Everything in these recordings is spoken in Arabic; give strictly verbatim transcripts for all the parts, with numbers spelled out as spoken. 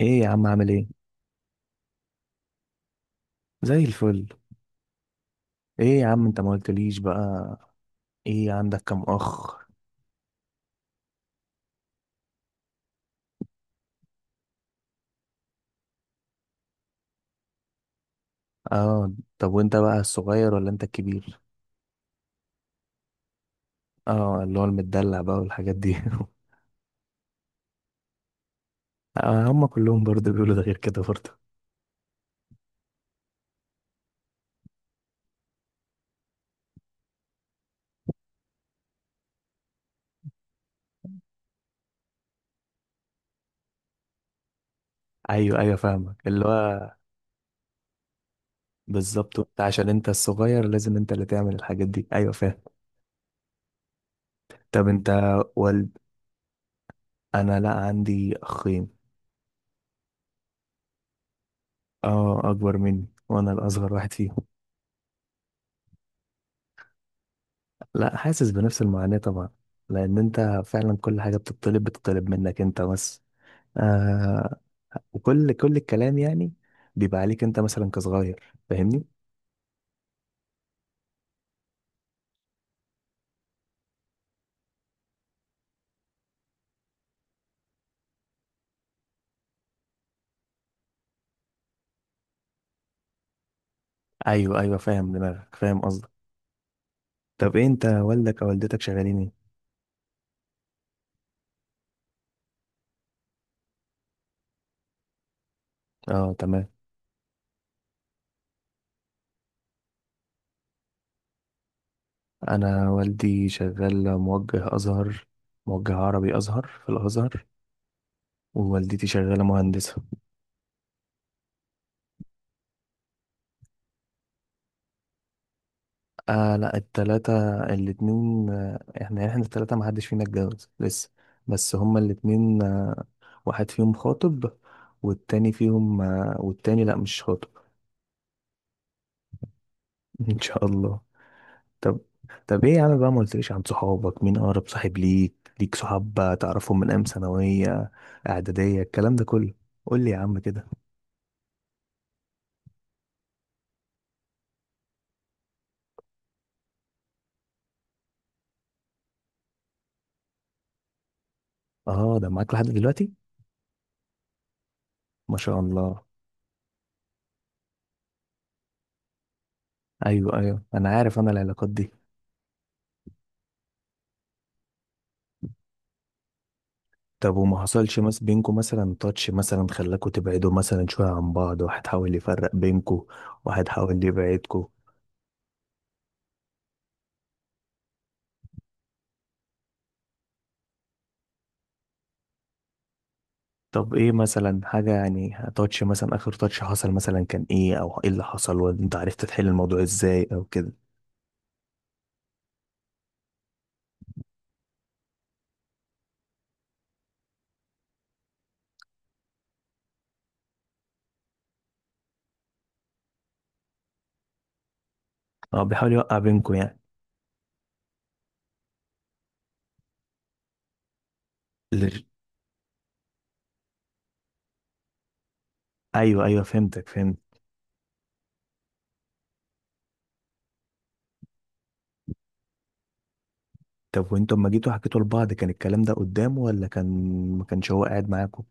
ايه يا عم، عامل ايه؟ زي الفل. ايه يا عم انت ما قلتليش بقى؟ ايه عندك كام اخ؟ اه. طب وانت بقى الصغير ولا انت الكبير؟ اه، اللي هو المدلع بقى والحاجات دي. آه، هم كلهم برضه بيقولوا ده غير كده برضه. ايوه ايوه، فاهمك اللي هو بالظبط. وانت عشان انت الصغير لازم انت اللي تعمل الحاجات دي، ايوه فاهم. طب انت والد؟ انا لا، عندي اخين. اه، اكبر مني وانا الاصغر واحد فيهم. لا، حاسس بنفس المعاناة طبعا. لأن أنت فعلا كل حاجة بتطلب بتطلب منك أنت بس. آه. وكل كل الكلام يعني بيبقى عليك أنت مثلا كصغير، فاهمني؟ أيوه أيوه، فاهم دماغك فاهم قصدك. طب إيه أنت، والدك أو والدتك شغالين إيه؟ أه تمام. أنا والدي شغال موجه أزهر، موجه عربي أزهر في الأزهر. ووالدتي شغالة مهندسة. آه لا، التلاتة الاتنين آه، إحنا إحنا التلاتة محدش فينا اتجوز لسه. بس هما الاتنين، واحد فيهم خاطب، والتاني فيهم، والتاني لا مش خاطب. ان شاء الله. طب، طب ايه يا عم بقى، ما قلتليش عن صحابك؟ مين اقرب صاحب ليك؟ ليك صحاب تعرفهم من ايام ثانويه، اعداديه، الكلام ده كله؟ قول لي يا عم كده. اه، ده معاك لحد دلوقتي؟ ما شاء الله. ايوه ايوه، انا عارف انا العلاقات دي. طب وما حصلش مس بينكم مثلا، تاتش مثلا خلاكوا تبعدوا مثلا شويه عن بعض، واحد حاول يفرق بينكوا، واحد حاول يبعدكوا؟ طب ايه مثلا حاجة يعني، تاتش مثلا، اخر تاتش حصل مثلا كان ايه، او ايه اللي حصل وانت عرفت تحل الموضوع ازاي او كده؟ اه بيحاول يوقع بينكم يعني. لر- ايوه ايوه، فهمتك فهمت. طب وانتوا لما جيتوا حكيتوا لبعض، كان الكلام ده قدامه، ولا كان ما كانش هو قاعد معاكم؟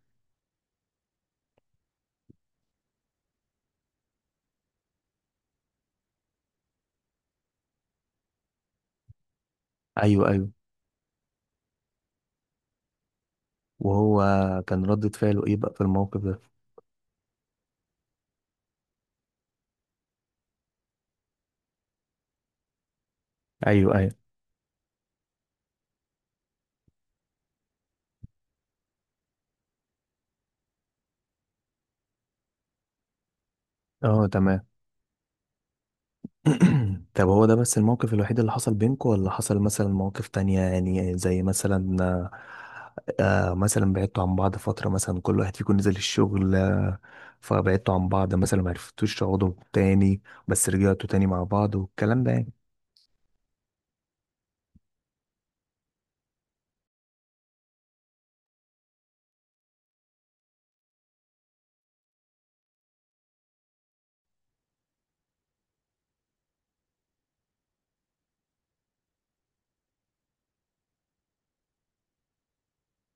ايوه ايوه. وهو كان ردة فعله ايه بقى في الموقف ده؟ ايوه ايوه. اه تمام. طب هو ده بس الموقف الوحيد اللي حصل بينكم، ولا حصل مثلا مواقف تانية يعني، زي مثلا آه، آه، مثلا بعدتوا عن بعض فترة مثلا، كل واحد فيكم نزل الشغل آه، فبعدتوا عن بعض مثلا معرفتوش تقعدوا تاني، بس رجعتوا تاني مع بعض والكلام ده يعني؟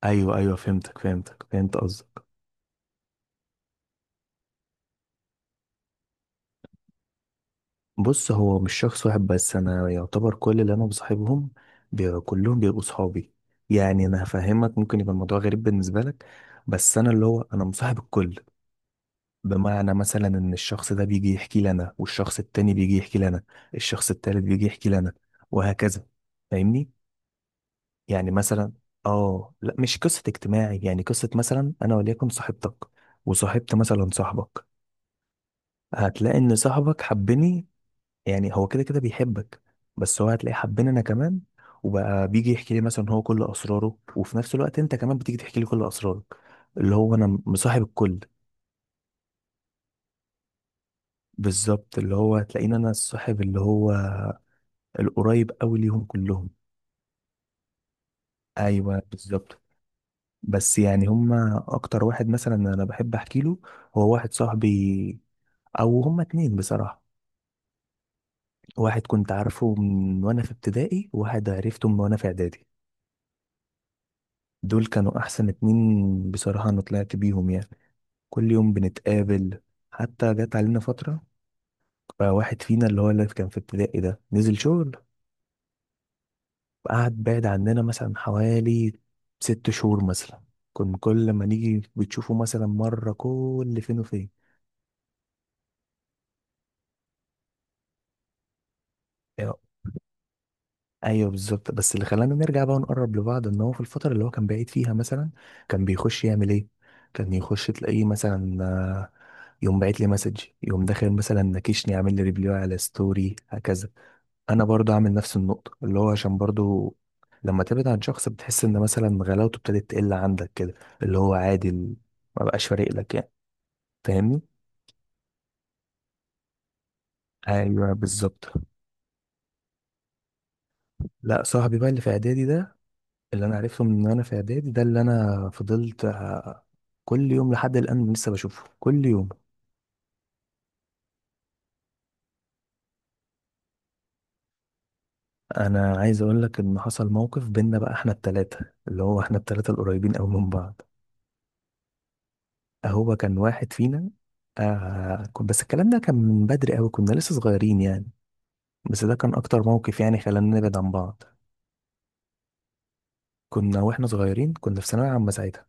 ايوه ايوه، فهمتك فهمتك فهمت قصدك. بص، هو مش شخص واحد بس، انا يعتبر كل اللي انا بصاحبهم بي- كلهم بيبقوا صحابي. يعني انا هفهمك، ممكن يبقى الموضوع غريب بالنسبة لك، بس انا اللي هو انا مصاحب الكل. بمعنى مثلا ان الشخص ده بيجي يحكي لنا، والشخص التاني بيجي يحكي لنا، الشخص التالت بيجي يحكي لنا، وهكذا. فاهمني؟ يعني مثلا، اه لا مش قصة اجتماعي، يعني قصة مثلا انا وليكن صاحبتك وصاحبت مثلا صاحبك، هتلاقي ان صاحبك حبني. يعني هو كده كده بيحبك، بس هو هتلاقي حبني انا كمان. وبقى بيجي يحكي لي مثلا هو كل اسراره، وفي نفس الوقت انت كمان بتيجي تحكي لي كل اسرارك. اللي هو انا مصاحب الكل. بالظبط، اللي هو تلاقيني انا الصاحب اللي هو القريب قوي ليهم كلهم. ايوه بالظبط. بس يعني هما اكتر واحد مثلا انا بحب احكي له، هو واحد صاحبي، او هما اتنين بصراحه. واحد كنت عارفه من وانا في ابتدائي، وواحد عرفته من وانا في اعدادي. دول كانوا احسن اتنين بصراحه، انا طلعت بيهم يعني كل يوم بنتقابل. حتى جت علينا فتره، بقى واحد فينا اللي هو اللي كان في ابتدائي ده نزل شغل، قعد بعد عننا مثلا حوالي ست شهور مثلا. كنا كل ما نيجي بتشوفه مثلا مرة كل فين وفين. أيوة أيوة بالظبط. بس اللي خلانا نرجع بقى ونقرب لبعض، إن هو في الفترة اللي هو كان بعيد فيها مثلا، كان بيخش يعمل إيه؟ كان يخش تلاقيه مثلا آه، يقوم باعت لي مسج، يقوم داخل مثلا نكشني، عامل لي ريبلاي على ستوري، هكذا. انا برضو عامل نفس النقطه، اللي هو عشان برضو لما تبعد عن شخص بتحس ان مثلا غلاوته ابتدت تقل عندك كده، اللي هو عادي ال- ما بقاش فارق لك يعني. فاهمني؟ ايوه بالظبط. لا صاحبي بقى اللي في اعدادي ده، اللي انا عرفته من وانا في اعدادي ده، اللي انا فضلت آه، كل يوم لحد الان لسه بشوفه كل يوم. انا عايز اقول لك ان حصل موقف بينا بقى احنا التلاتة، اللي هو احنا التلاتة القريبين قوي من بعض. هو كان واحد فينا، آه كنت- بس الكلام ده كان من بدري قوي، كنا لسه صغيرين يعني. بس ده كان اكتر موقف يعني خلانا نبعد عن بعض. كنا واحنا صغيرين، كنا في ثانوية عامة ساعتها.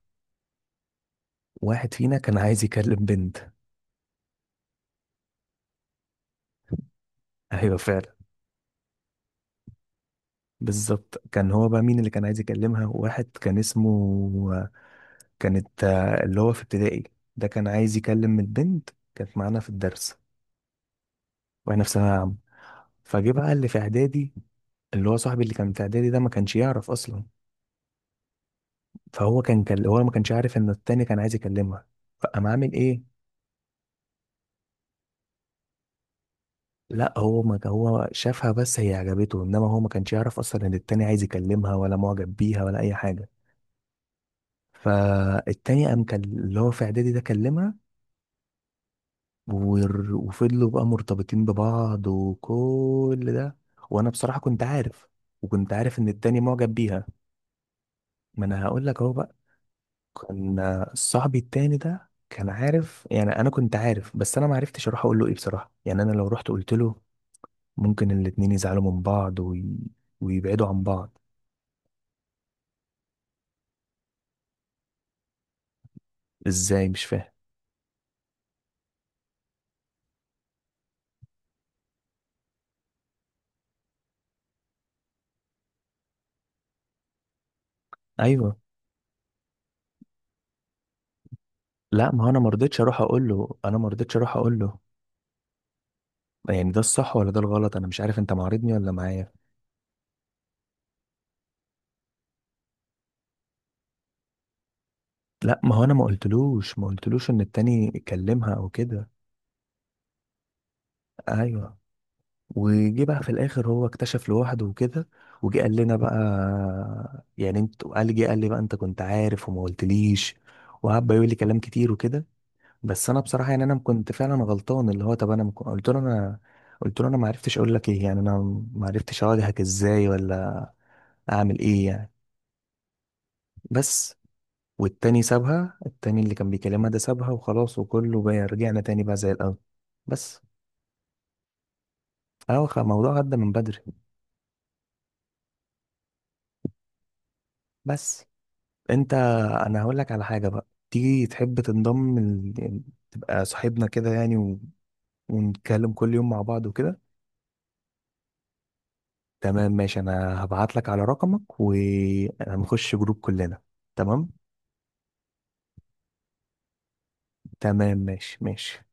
واحد فينا كان عايز يكلم بنت. ايوه فعلا. بالظبط. كان هو بقى مين اللي كان عايز يكلمها؟ واحد كان اسمه، كانت آه، اللي هو في ابتدائي ده كان عايز يكلم البنت، كانت معانا في الدرس واحنا في ثانوية عامة. فجه بقى اللي في اعدادي، اللي هو صاحبي اللي كان في اعدادي ده، ما كانش يعرف اصلا. فهو كان كان- هو ما كانش عارف ان التاني كان عايز يكلمها، فقام عامل ايه؟ لا هو، ما هو شافها بس هي عجبته، انما هو ما كانش يعرف اصلا ان التاني عايز يكلمها، ولا معجب بيها، ولا اي حاجه. فالتاني قام كان اللي هو في اعدادي ده كلمها، ور- وفضلوا بقى مرتبطين ببعض وكل ده. وانا بصراحه كنت عارف، وكنت عارف ان التاني معجب بيها. ما انا هقول لك اهو بقى، كان صاحبي التاني ده كان عارف، يعني انا كنت عارف، بس انا ما عرفتش اروح اقول له ايه بصراحه، يعني انا لو رحت قلت له ممكن الاتنين يزعلوا من بعض وي... ويبعدوا عن بعض. ازاي؟ مش فاهم. ايوه. لا ما هو انا ما رضيتش اروح اقول له انا ما رضيتش اروح اقول له. يعني ده الصح ولا ده الغلط؟ انا مش عارف، انت معارضني ولا معايا؟ لا ما هو انا ما قلتلوش ما قلتلوش ان التاني يكلمها او كده. ايوه. وجي بقى في الاخر هو اكتشف لوحده وكده، وجي قال لنا بقى، يعني انت قال، جه قال لي بقى انت كنت عارف وما قلتليش، وقعد بقى يقول لي كلام كتير وكده. بس انا بصراحه يعني انا كنت فعلا غلطان، اللي هو، طب انا مك... قلت له انا قلت له انا ما عرفتش اقول لك ايه، يعني انا ما عرفتش اواجهك ازاي، ولا اعمل ايه يعني. بس. والتاني سابها، التاني اللي كان بيكلمها ده سابها وخلاص، وكله بقى رجعنا تاني بقى زي الاول. بس. هو خ- الموضوع عدى من بدري. بس انت، انا هقول لك على حاجه بقى، تيجي تحب تنضم ال... تبقى صاحبنا كده يعني و... ونتكلم كل يوم مع بعض وكده. تمام ماشي، انا هبعت لك على رقمك ونخش جروب كلنا. تمام تمام، ماشي ماشي.